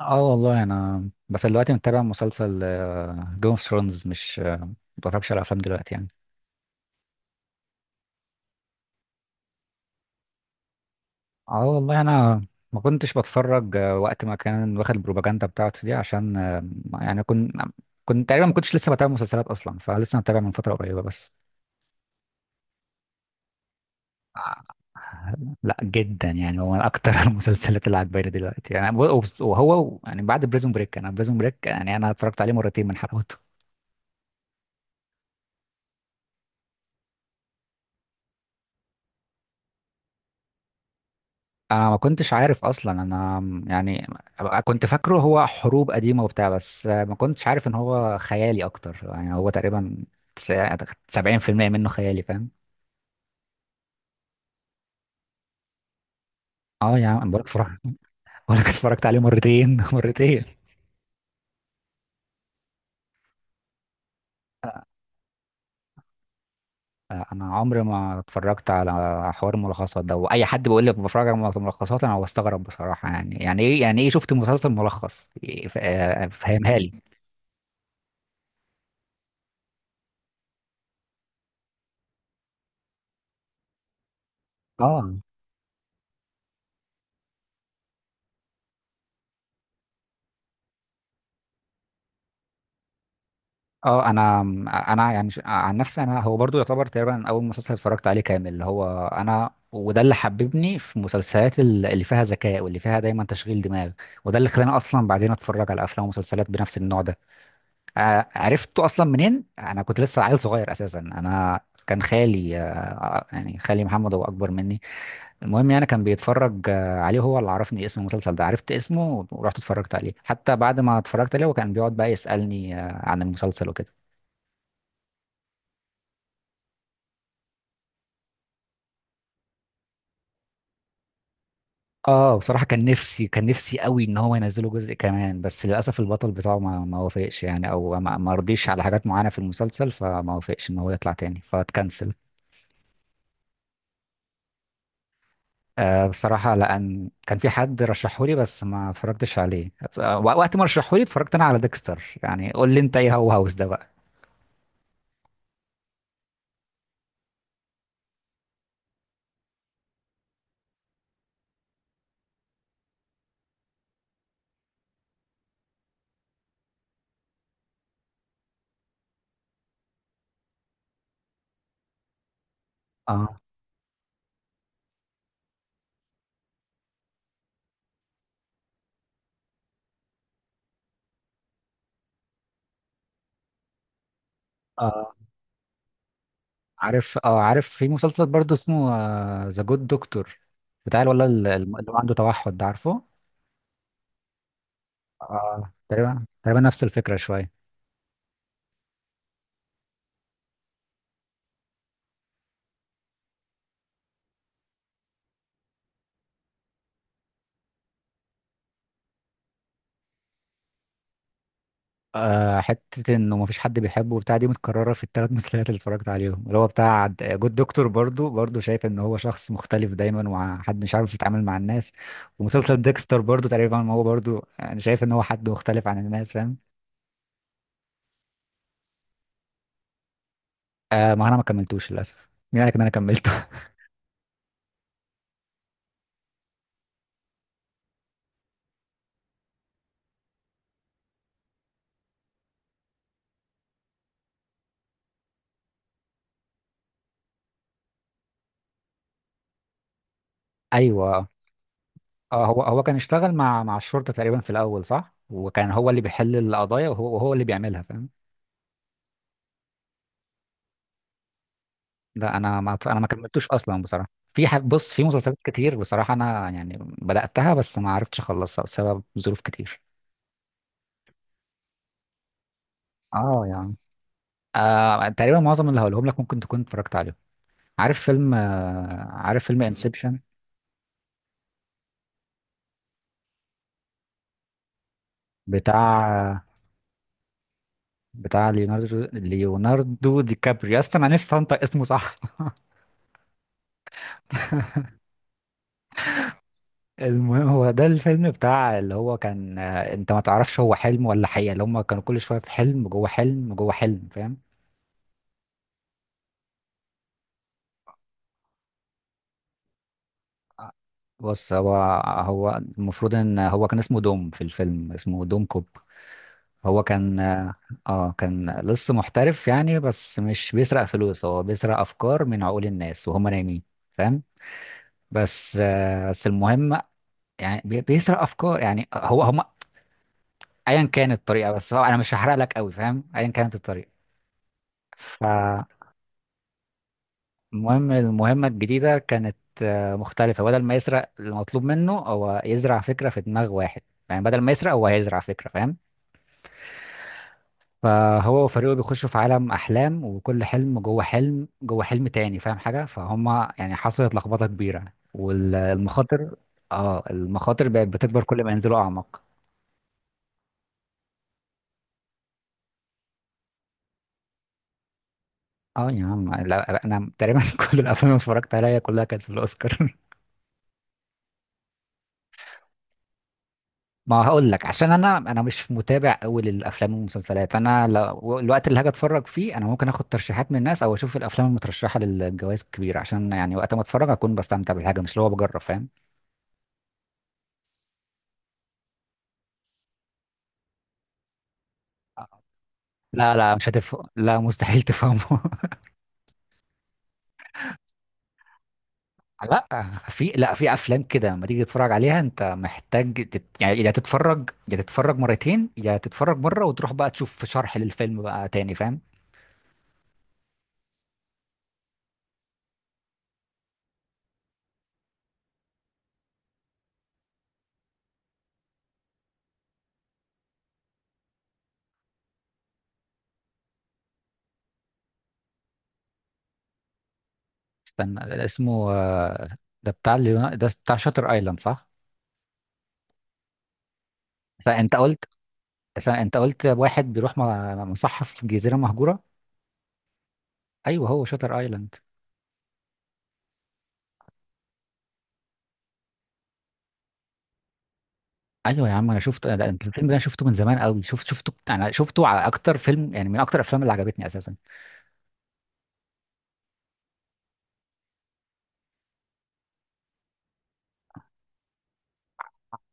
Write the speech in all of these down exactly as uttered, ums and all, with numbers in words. اه والله انا بس دلوقتي متابع مسلسل جيم اوف ثرونز. مش آه، ما بتفرجش على افلام دلوقتي يعني. اه والله انا ما كنتش بتفرج آه، وقت ما كان واخد البروباجندا بتاعته دي. عشان آه، يعني كنت كنت تقريبا ما كنتش لسه بتابع مسلسلات اصلا، فلسه متابع من فتره قريبه بس. آه، لا، جدا يعني. هو من اكتر المسلسلات اللي عجباني دلوقتي يعني، وهو وهو يعني بعد بريزون بريك. انا بريزون بريك يعني انا اتفرجت عليه مرتين من حلقاته. انا ما كنتش عارف اصلا. انا يعني كنت فاكره هو حروب قديمه وبتاع، بس ما كنتش عارف ان هو خيالي اكتر. يعني هو تقريبا تس- سبعين في المئة منه خيالي. فاهم؟ اه يا عم بقولك اتفرجت. بقولك اتفرجت عليه مرتين. مرتين. انا عمري ما اتفرجت على حوار الملخصات ده. واي حد بيقول لك بتفرج على ملخصات، انا بستغرب بصراحه. يعني يعني ايه يعني ايه شفت مسلسل ملخص إيه، ف- آه، فهمها لي. اه اه. انا انا يعني ش- آه، عن نفسي، انا هو برضو يعتبر تقريبا اول مسلسل اتفرجت عليه كامل اللي هو انا. وده اللي حببني في المسلسلات ال- اللي فيها ذكاء، واللي فيها دايما تشغيل دماغ. وده اللي خلاني اصلا بعدين اتفرج على افلام ومسلسلات بنفس النوع ده. ع- عرفته اصلا منين؟ انا كنت لسه عيل صغير اساسا. انا كان خالي، آه، يعني خالي محمد، هو اكبر مني. المهم يعني كان بيتفرج آه، عليه، هو اللي عرفني اسم المسلسل ده. عرفت اسمه ورحت اتفرجت عليه. حتى بعد ما اتفرجت عليه، هو كان بيقعد بقى يسألني آه، عن المسلسل وكده. اه بصراحة كان نفسي، كان نفسي قوي ان هو ينزله جزء كمان، بس للاسف البطل بتاعه ما ما وافقش يعني، او ما ما رضيش على حاجات معينة في المسلسل، فما وافقش ان هو يطلع تاني فاتكنسل. آه، بصراحة لان كان في حد رشحولي بس ما اتفرجتش عليه. آه، وقت ما رشحولي اتفرجت انا على ديكستر. يعني قول لي انت، ايه هو هاوس ده بقى؟ اه اه، عارف اه عارف. في مسلسل برضه اسمه ذا جود دكتور، بتاع الولد اللي اللي عنده توحد ده، عارفه؟ اه، تقريبا تقريبا نفس الفكرة شوية. آه، حتة انه مفيش حد بيحبه وبتاع دي متكررة في الثلاث مسلسلات اللي اتفرجت عليهم. اللي هو بتاع د- جود دكتور برضو، برضو شايف ان هو شخص مختلف دايما وحد مش عارف يتعامل مع الناس. ومسلسل ديكستر برضو تقريبا، ما هو برضو انا شايف ان هو حد مختلف عن الناس، فاهم؟ آه ما انا ما كملتوش للاسف. مين قالك ان انا كملته؟ ايوه. اه، هو هو كان اشتغل مع مع الشرطة تقريبا في الاول صح، وكان هو اللي بيحل القضايا وهو, وهو اللي بيعملها، فاهم؟ لا، انا ما انا ما كملتوش اصلا بصراحه. في ح- بص، في مسلسلات كتير بصراحه انا يعني بداتها بس ما عرفتش اخلصها بسبب ظروف كتير. اه يعني. آه تقريبا معظم اللي هقولهم لك ممكن تكون اتفرجت عليهم. عارف فيلم آه عارف فيلم انسبشن، بتاع بتاع ليوناردو ليوناردو دي كابريو، يا اسطى انا نفسي انطق اسمه صح. المهم، هو ده الفيلم بتاع، اللي هو كان آه، انت ما تعرفش هو حلم ولا حقيقه، اللي هم كانوا كل شويه في حلم جوه حلم جوه حلم، فاهم؟ بص، هو هو المفروض ان هو كان اسمه دوم في الفيلم، اسمه دوم كوب. هو كان، اه، كان لص محترف يعني، بس مش بيسرق فلوس، هو بيسرق افكار من عقول الناس وهم نايمين، فاهم؟ بس آه بس المهم، يعني بي- بيسرق افكار. يعني هو، هم ايا كانت الطريقه، بس هو انا مش هحرق لك قوي فاهم، ايا كانت الطريقه. فالمهم المهمه الجديده كانت آه، مختلفه. بدل ما يسرق، المطلوب منه هو يزرع فكره في دماغ واحد. يعني بدل ما يسرق، هو هيزرع فكره، فاهم؟ فهو وفريقه بيخشوا في عالم احلام، وكل حلم جوه حلم جوه حلم تاني، فاهم حاجه فهم؟ يعني حصلت لخبطه كبيره والمخاطر، اه، المخاطر بقت بتكبر كل ما ينزلوا اعمق. اه يا عم، لا، انا تقريبا كل الافلام اللي اتفرجت عليها كلها كانت في الاوسكار. ما هقول لك، عشان انا انا مش متابع قوي للافلام والمسلسلات. انا لو الوقت اللي هاجي اتفرج فيه، انا ممكن اخد ترشيحات من الناس او اشوف الافلام المترشحه للجوائز الكبيره، عشان يعني وقت ما اتفرج اكون بستمتع بالحاجه، مش اللي هو بجرب، فاهم؟ لا لا، مش هتفهم. لا، مستحيل تفهمه. لا في لا في افلام كده لما تيجي تتفرج عليها انت محتاج تت... يعني، يا تتفرج، يا تتفرج مرتين، يا تتفرج مره وتروح بقى تشوف شرح للفيلم بقى تاني، فاهم؟ استنى اسمه، آه، ده بتاع اليونا- ده بتاع شاتر ايلاند صح؟ بس انت قلت بس انت قلت واحد بيروح م- مصحف جزيره مهجوره. ايوه، هو شاتر ايلاند. ايوه يا عم انا شفته، ده الفيلم ده انا شفته من زمان قوي. شفت شفته انا شفته على اكتر فيلم يعني من اكتر الافلام اللي عجبتني اساسا.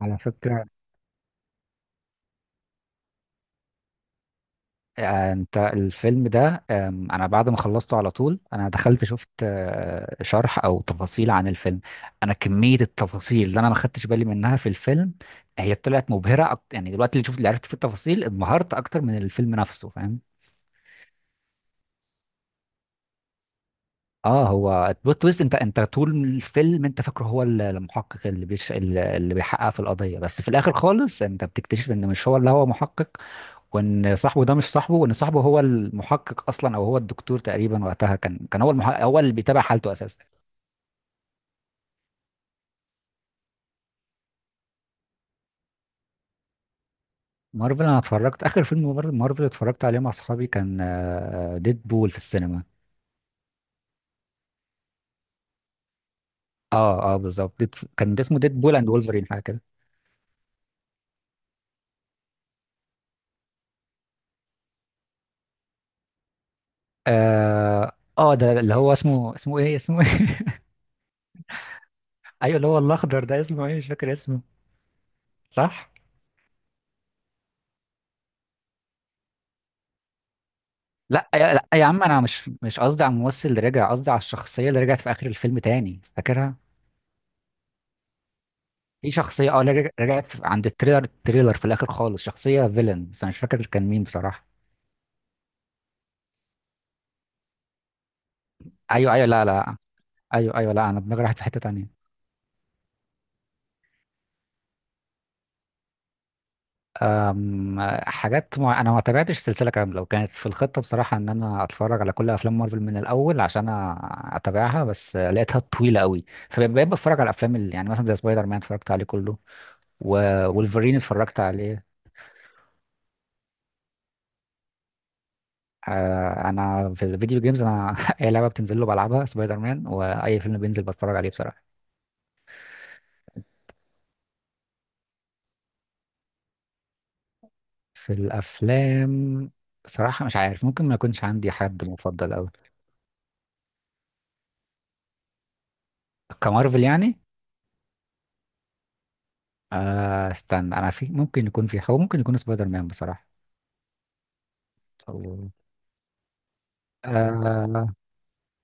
على فكرة، آه، انت الفيلم ده، آم، انا بعد ما خلصته على طول انا دخلت شفت آه، شرح او تفاصيل عن الفيلم. انا كمية التفاصيل اللي انا ما خدتش بالي منها في الفيلم، هي طلعت مبهرة أكتر يعني. دلوقتي اللي شفت، اللي عرفت في التفاصيل، انبهرت اكتر من الفيلم نفسه، فاهم؟ اه، هو البلوت تويست. انت انت طول الفيلم، انت فاكره هو ال- المحقق اللي بيش اللي اللي بيحقق في القضيه. بس في الاخر خالص انت بتكتشف ان مش هو اللي هو محقق، وان صاحبه ده مش صاحبه، وان صاحبه هو المحقق اصلا، او هو الدكتور تقريبا. وقتها كان كان هو المحقق، هو اللي بيتابع حالته اساسا. مارفل، انا اتفرجت اخر فيلم مار- مارفل اتفرجت عليه مع اصحابي، كان ديد بول في السينما. اه اه بالظبط، ديد كان ده اسمه ديد بول اند وولفرين حاجه كده. اه اه ده اللي هو اسمه، اسمه ايه اسمه ايه؟ ايوه اللي هو الاخضر ده اسمه ايه، مش فاكر اسمه صح. لا يا لا يا عم، انا مش مش قصدي على الممثل اللي رجع، قصدي على الشخصيه اللي رجعت في اخر الفيلم تاني، فاكرها؟ في شخصيه، اه اللي رج- رجعت في- عند التريلر التريلر في الاخر خالص، شخصيه فيلن، بس انا مش فاكر كان مين بصراحه. ايوه ايوه، لا لا. ايوه ايوه، لا، انا دماغي راحت في حته تانيه. أم، حاجات مع... انا ما تابعتش السلسله كامله. وكانت في الخطه بصراحه ان انا اتفرج على كل افلام مارفل من الاول عشان أ- اتابعها، بس لقيتها طويله قوي، فبقيت بتفرج على الافلام اللي يعني مثلا زي سبايدر مان اتفرجت عليه كله، و- وولفرين اتفرجت عليه. آه، انا في الفيديو جيمز انا اي لعبه بتنزل له بلعبها سبايدر مان، واي فيلم بينزل بتفرج عليه بصراحه. في الافلام، بصراحه مش عارف، ممكن ما يكونش عندي حد مفضل قوي. كمارفل يعني. آه استنى، انا في، ممكن يكون في، هو ممكن يكون سبايدر مان بصراحه. أو- آه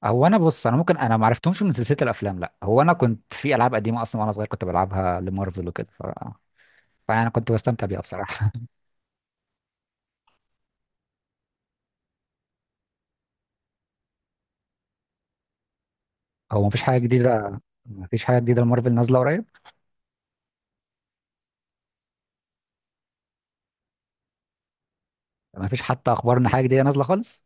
هو انا، بص، انا ممكن، انا ما عرفتهمش من سلسله الافلام، لا. هو انا كنت في العاب قديمه اصلا وانا صغير كنت بلعبها لمارفل وكده، ف... فانا كنت بستمتع بيها بصراحه. هو مفيش حاجة جديدة مفيش حاجة جديدة لمارفل نازلة قريب. مفيش حتى أخبار إن حاجة جديدة نازلة خالص.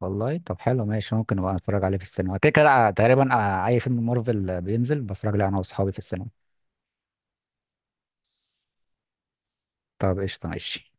والله، طب حلو ماشي. ممكن أبقى أتفرج عليه في السينما، كده كده آه، تقريبا آه، أي فيلم مارفل آه، بينزل بتفرج عليه أنا وأصحابي في السينما. طب قشطة ماشي.